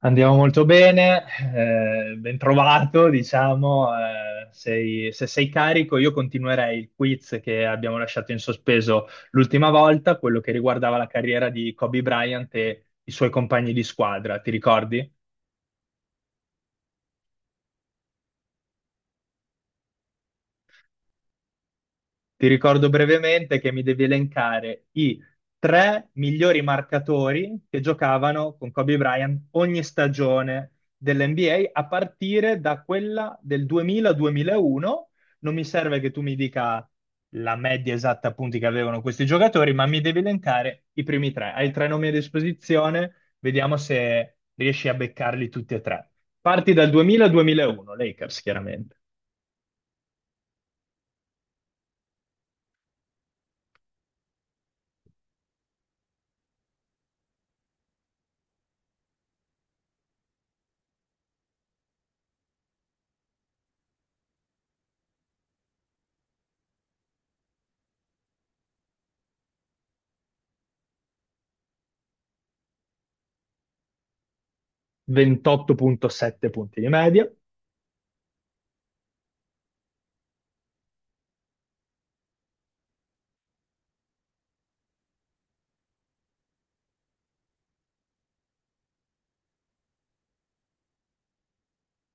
Andiamo molto bene, ben trovato, diciamo, se sei carico io continuerei il quiz che abbiamo lasciato in sospeso l'ultima volta, quello che riguardava la carriera di Kobe Bryant e i suoi compagni di squadra, ti ricordi? Ti ricordo brevemente che mi devi elencare i tre migliori marcatori che giocavano con Kobe Bryant ogni stagione dell'NBA a partire da quella del 2000-2001. Non mi serve che tu mi dica la media esatta punti che avevano questi giocatori, ma mi devi elencare i primi tre. Hai tre nomi a disposizione, vediamo se riesci a beccarli tutti e tre. Parti dal 2000-2001, Lakers chiaramente, 28.7 punti di media.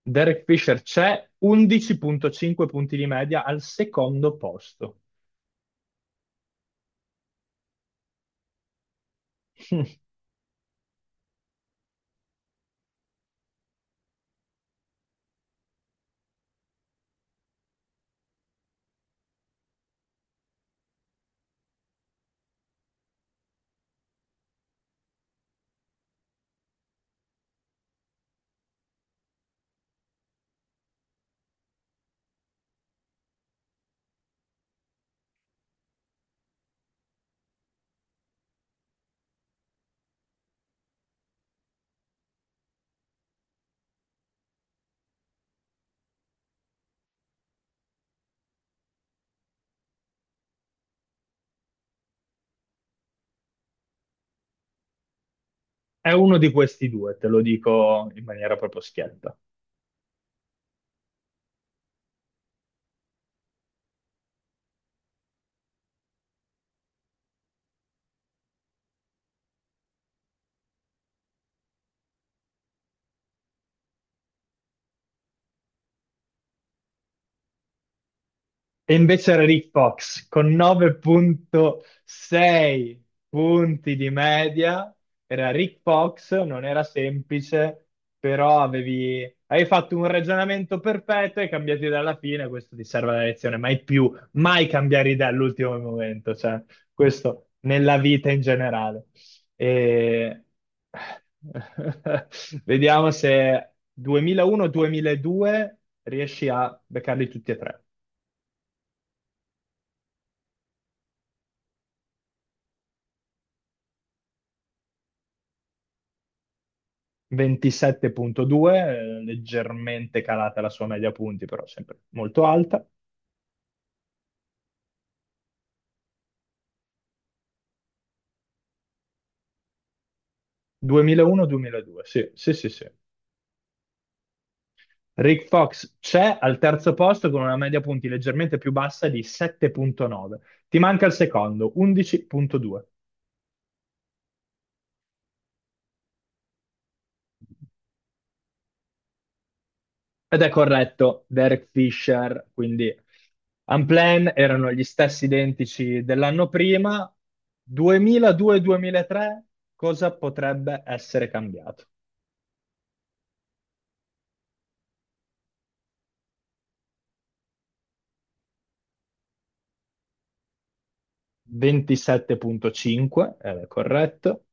Derek Fisher c'è 11.5 punti di media al secondo posto. È uno di questi due, te lo dico in maniera proprio schietta. E invece era Rick Fox con 9.6 punti di media. Era Rick Fox, non era semplice, però avevi fatto un ragionamento perfetto e cambiato idea alla fine. Questo ti serve la lezione. Mai più, mai cambiare idea all'ultimo momento. Cioè, questo nella vita in generale. E... Vediamo se 2001-2002 riesci a beccarli tutti e tre. 27.2, leggermente calata la sua media punti, però sempre molto alta. 2001-2002, sì, sì, sì, sì. Rick Fox c'è al terzo posto con una media punti leggermente più bassa di 7.9. Ti manca il secondo, 11.2. Ed è corretto, Derek Fisher, quindi Unplanned erano gli stessi identici dell'anno prima. 2002-2003, cosa potrebbe essere cambiato? 27.5, era corretto.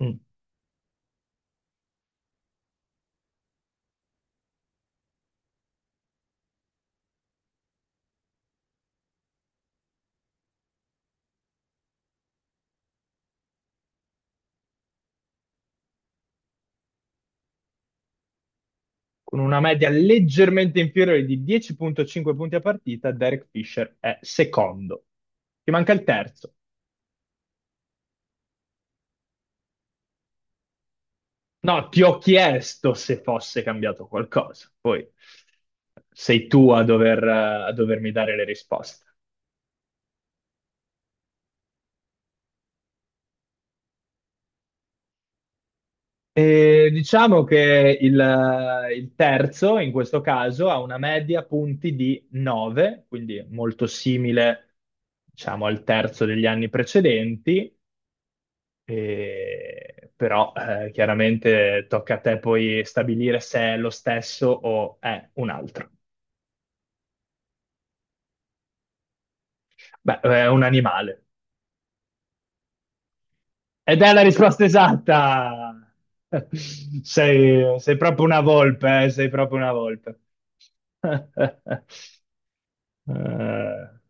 Mm. Con una media leggermente inferiore di 10.5 punti a partita, Derek Fisher è secondo. Ti manca il terzo. No, ti ho chiesto se fosse cambiato qualcosa, poi sei tu a dovermi dare le risposte. E diciamo che il terzo, in questo caso, ha una media punti di 9, quindi molto simile, diciamo, al terzo degli anni precedenti, però chiaramente tocca a te poi stabilire se è lo stesso o è un altro. Beh, è un animale. Ed è la risposta esatta! Sei proprio una volpe, eh. Sei proprio una volpe. Eh,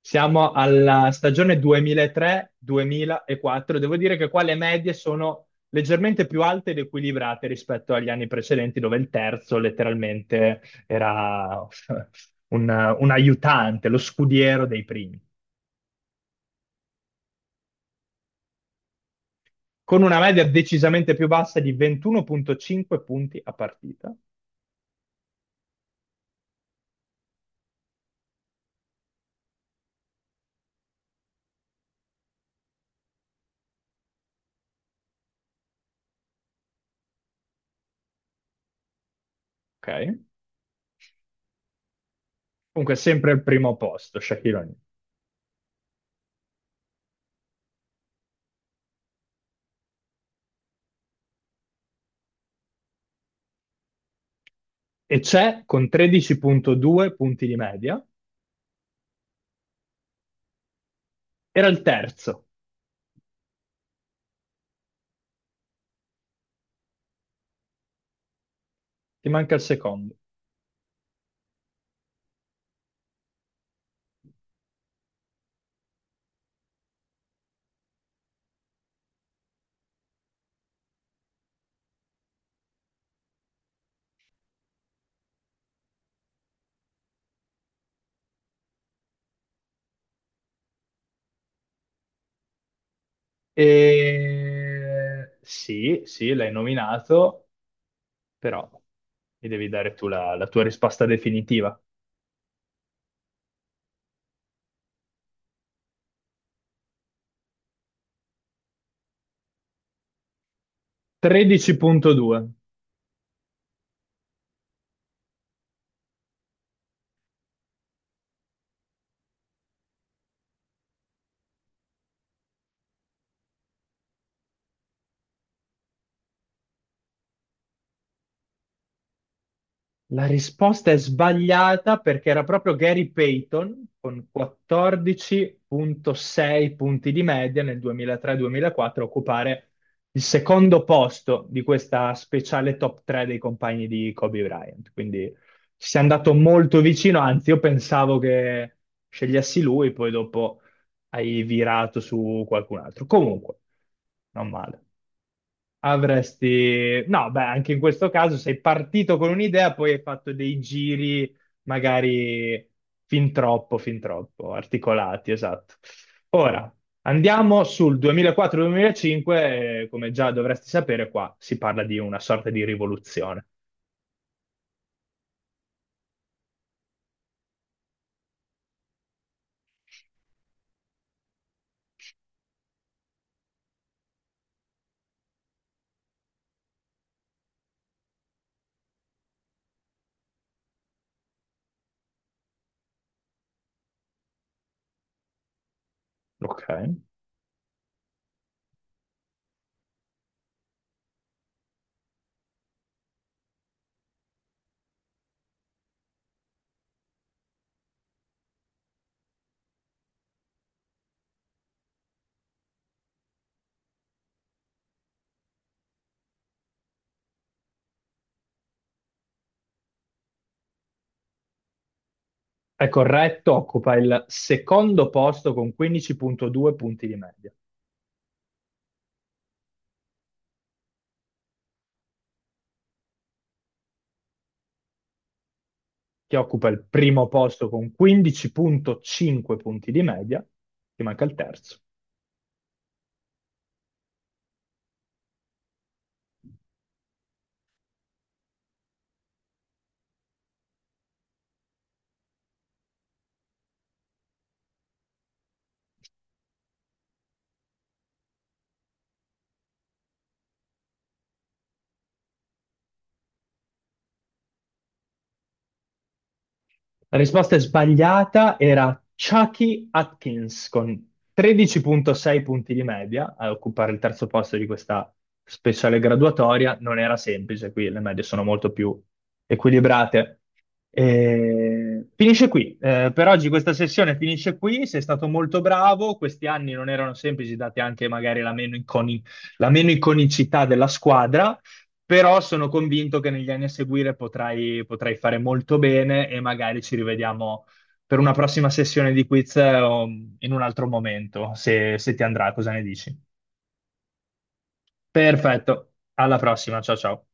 siamo alla stagione 2003-2004. Devo dire che qua le medie sono leggermente più alte ed equilibrate rispetto agli anni precedenti, dove il terzo letteralmente era un aiutante, lo scudiero dei primi, con una media decisamente più bassa di 21,5 punti a partita. Ok? Comunque sempre al primo posto, Shaquille O'Neal. E c'è con 13,2 punti di media. Era il terzo, ti manca il secondo. Sì, sì, l'hai nominato, però mi devi dare tu la tua risposta definitiva. 13.2. La risposta è sbagliata perché era proprio Gary Payton con 14.6 punti di media nel 2003-2004 a occupare il secondo posto di questa speciale top 3 dei compagni di Kobe Bryant. Quindi ci si è andato molto vicino, anzi io pensavo che scegliessi lui, poi dopo hai virato su qualcun altro. Comunque, non male. No, beh, anche in questo caso sei partito con un'idea, poi hai fatto dei giri magari fin troppo articolati, esatto. Ora andiamo sul 2004-2005, come già dovresti sapere, qua si parla di una sorta di rivoluzione. Ok. È corretto, occupa il secondo posto con 15.2 punti di media. Chi occupa il primo posto con 15.5 punti di media, ti manca il terzo. La risposta sbagliata era Chucky Atkins con 13.6 punti di media a occupare il terzo posto di questa speciale graduatoria. Non era semplice, qui le medie sono molto più equilibrate. Per oggi questa sessione finisce qui. Sei stato molto bravo. Questi anni non erano semplici, date anche magari la meno iconicità della squadra, però sono convinto che negli anni a seguire potrai fare molto bene e magari ci rivediamo per una prossima sessione di quiz o in un altro momento, se ti andrà, cosa ne dici? Perfetto, alla prossima, ciao ciao.